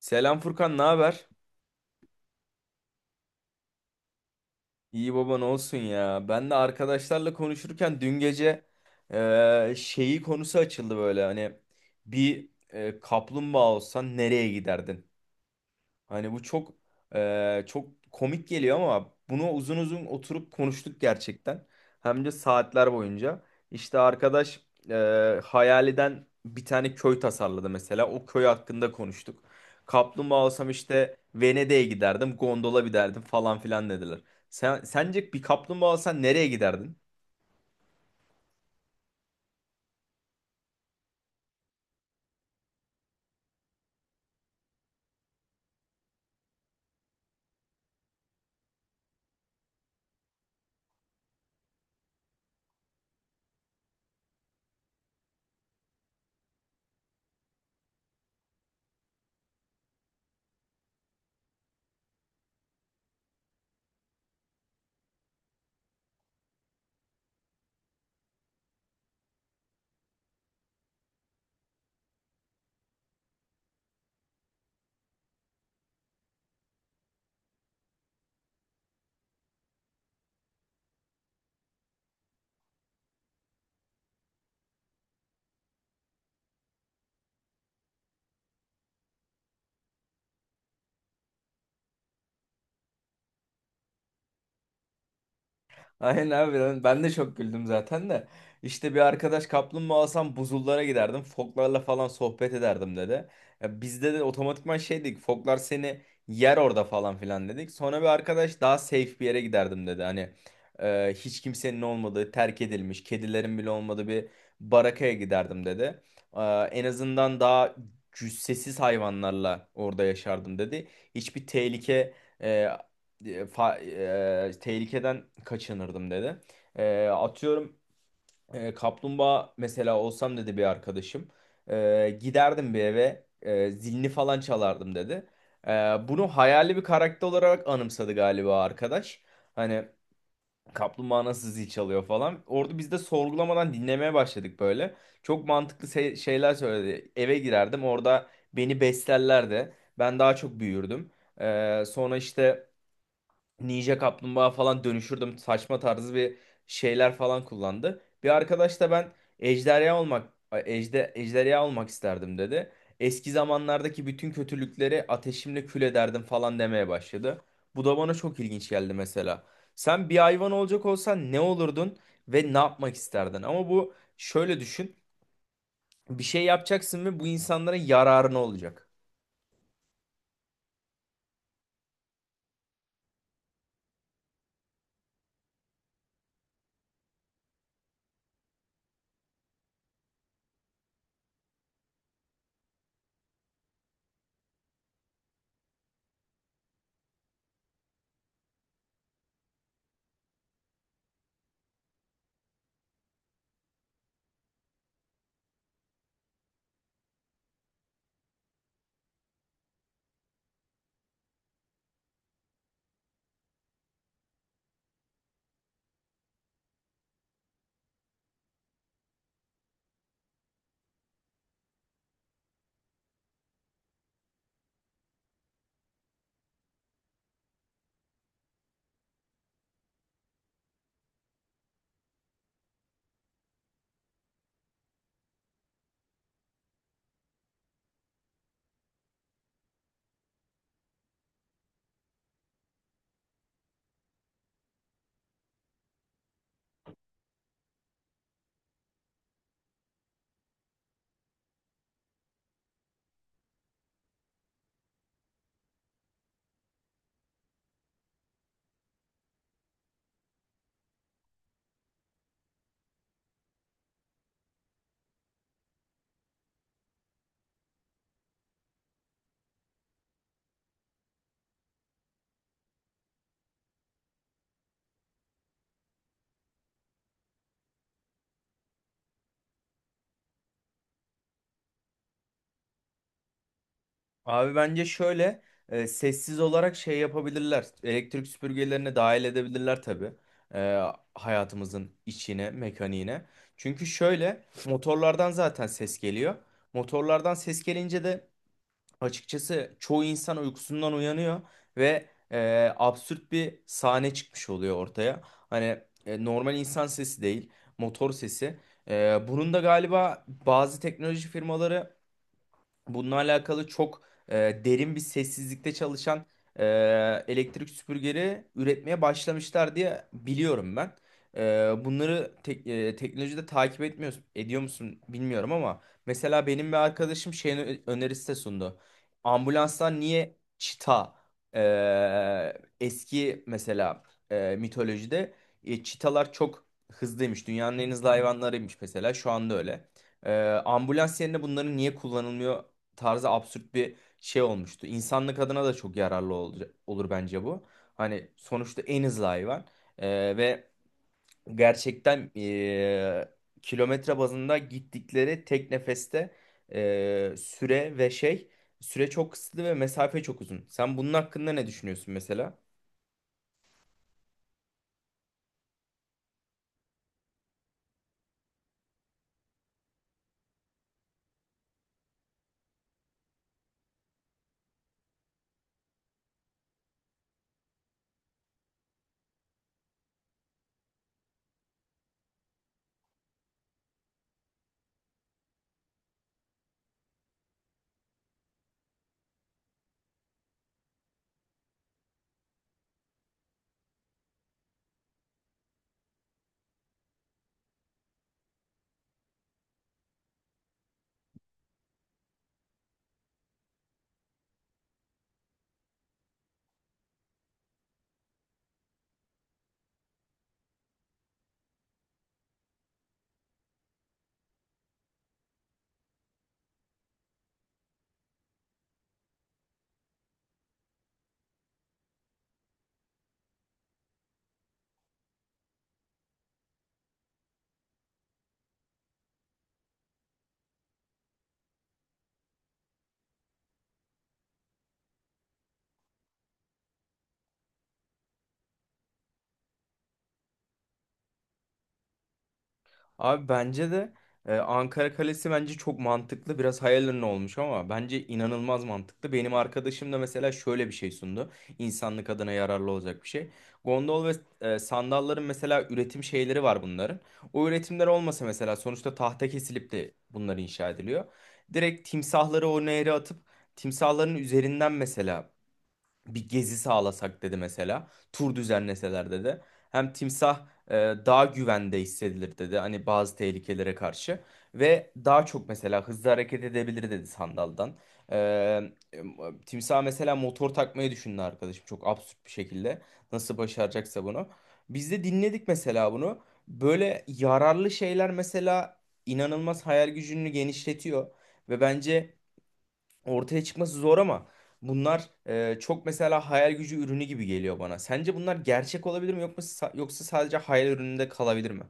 Selam Furkan, ne haber? İyi baban olsun ya. Ben de arkadaşlarla konuşurken dün gece şeyi konusu açıldı böyle. Hani bir kaplumbağa olsan nereye giderdin? Hani bu çok çok komik geliyor ama bunu uzun uzun oturup konuştuk gerçekten. Hem de saatler boyunca. İşte arkadaş hayaliden bir tane köy tasarladı mesela. O köy hakkında konuştuk. Kaplumbağa olsam işte Venedik'e giderdim, gondola binerdim falan filan dediler. Sence bir kaplumbağa olsan nereye giderdin? Aynen abi ben de çok güldüm zaten de. İşte bir arkadaş kaplumbağa alsam buzullara giderdim. Foklarla falan sohbet ederdim dedi. Ya bizde de otomatikman şey dedik. Foklar seni yer orada falan filan dedik. Sonra bir arkadaş daha safe bir yere giderdim dedi. Hani hiç kimsenin olmadığı, terk edilmiş, kedilerin bile olmadığı bir barakaya giderdim dedi. E, en azından daha cüssesiz hayvanlarla orada yaşardım dedi. Hiçbir e, e, fa- tehlikeden kaçınırdım dedi. Atıyorum, kaplumbağa mesela olsam dedi bir arkadaşım. Giderdim bir eve, zilini falan çalardım dedi. E, bunu hayali bir karakter olarak anımsadı galiba arkadaş. Hani kaplumbağa nasıl zil çalıyor falan. Orada biz de sorgulamadan dinlemeye başladık böyle. Çok mantıklı şeyler söyledi. Eve girerdim, orada beni beslerlerdi. Ben daha çok büyürdüm. Sonra işte... Ninja Kaplumbağa falan dönüşürdüm. Saçma tarzı bir şeyler falan kullandı. Bir arkadaş da ben ejderha olmak ejderha olmak isterdim dedi. Eski zamanlardaki bütün kötülükleri ateşimle kül ederdim falan demeye başladı. Bu da bana çok ilginç geldi mesela. Sen bir hayvan olacak olsan ne olurdun ve ne yapmak isterdin? Ama bu şöyle düşün. Bir şey yapacaksın ve bu insanlara yararına olacak. Abi bence şöyle sessiz olarak şey yapabilirler. Elektrik süpürgelerini dahil edebilirler tabii. E, hayatımızın içine, mekaniğine. Çünkü şöyle motorlardan zaten ses geliyor. Motorlardan ses gelince de açıkçası çoğu insan uykusundan uyanıyor ve absürt bir sahne çıkmış oluyor ortaya. Hani normal insan sesi değil, motor sesi. Bunun da galiba bazı teknoloji firmaları bununla alakalı çok e, derin bir sessizlikte çalışan e, elektrik süpürgeleri üretmeye başlamışlar diye biliyorum ben. Bunları teknolojide takip etmiyor, ediyor musun bilmiyorum ama mesela benim bir arkadaşım şeyin önerisi de sundu. Ambulanslar niye çita... e, eski mesela, mitolojide çitalar çok hızlıymış. Dünyanın en hızlı hayvanlarıymış, mesela şu anda öyle. E, ambulans yerine bunların niye kullanılmıyor tarzı absürt bir şey olmuştu. İnsanlık adına da çok yararlı olur bence bu. Hani sonuçta en hızlı hayvan. Ee, Ve gerçekten kilometre bazında gittikleri tek nefeste süre ve şey, süre çok kısıtlı ve mesafe çok uzun. Sen bunun hakkında ne düşünüyorsun mesela? Abi bence de Ankara Kalesi bence çok mantıklı. Biraz hayal ürünü olmuş ama bence inanılmaz mantıklı. Benim arkadaşım da mesela şöyle bir şey sundu. İnsanlık adına yararlı olacak bir şey. Gondol ve sandalların mesela üretim şeyleri var bunların. O üretimler olmasa, mesela sonuçta tahta kesilip de bunlar inşa ediliyor. Direkt timsahları o nehre atıp timsahların üzerinden mesela bir gezi sağlasak dedi mesela. Tur düzenleseler dedi. Hem timsah daha güvende hissedilir dedi, hani bazı tehlikelere karşı. Ve daha çok mesela hızlı hareket edebilir dedi sandaldan. E, e, timsah mesela motor takmayı düşündü arkadaşım, çok absürt bir şekilde. Nasıl başaracaksa bunu. Biz de dinledik mesela bunu. Böyle yararlı şeyler mesela inanılmaz hayal gücünü genişletiyor. Ve bence ortaya çıkması zor ama bunlar çok mesela hayal gücü ürünü gibi geliyor bana. Sence bunlar gerçek olabilir mi, yoksa sadece hayal ürününde kalabilir mi?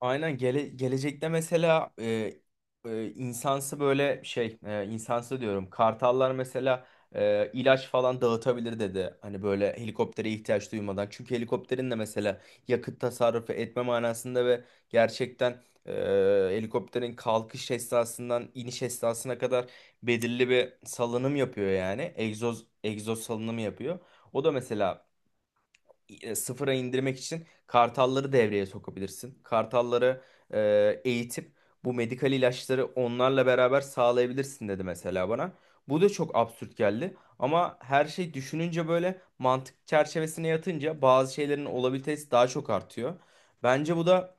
Aynen, gelecekte mesela insansı böyle şey, insansı diyorum, kartallar mesela ilaç falan dağıtabilir dedi. Hani böyle helikoptere ihtiyaç duymadan. Çünkü helikopterin de mesela yakıt tasarrufu etme manasında ve gerçekten helikopterin kalkış esnasından iniş esnasına kadar belirli bir salınım yapıyor yani. Egzoz salınımı yapıyor. O da mesela sıfıra indirmek için kartalları devreye sokabilirsin. Kartalları eğitip bu medikal ilaçları onlarla beraber sağlayabilirsin dedi mesela bana. Bu da çok absürt geldi ama her şey düşününce, böyle mantık çerçevesine yatınca bazı şeylerin olabilitesi daha çok artıyor. Bence bu da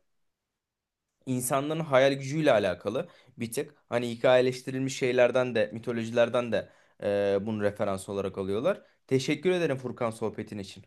insanların hayal gücüyle alakalı bir tık. Hani hikayeleştirilmiş şeylerden de, mitolojilerden de bunu referans olarak alıyorlar. Teşekkür ederim Furkan, sohbetin için.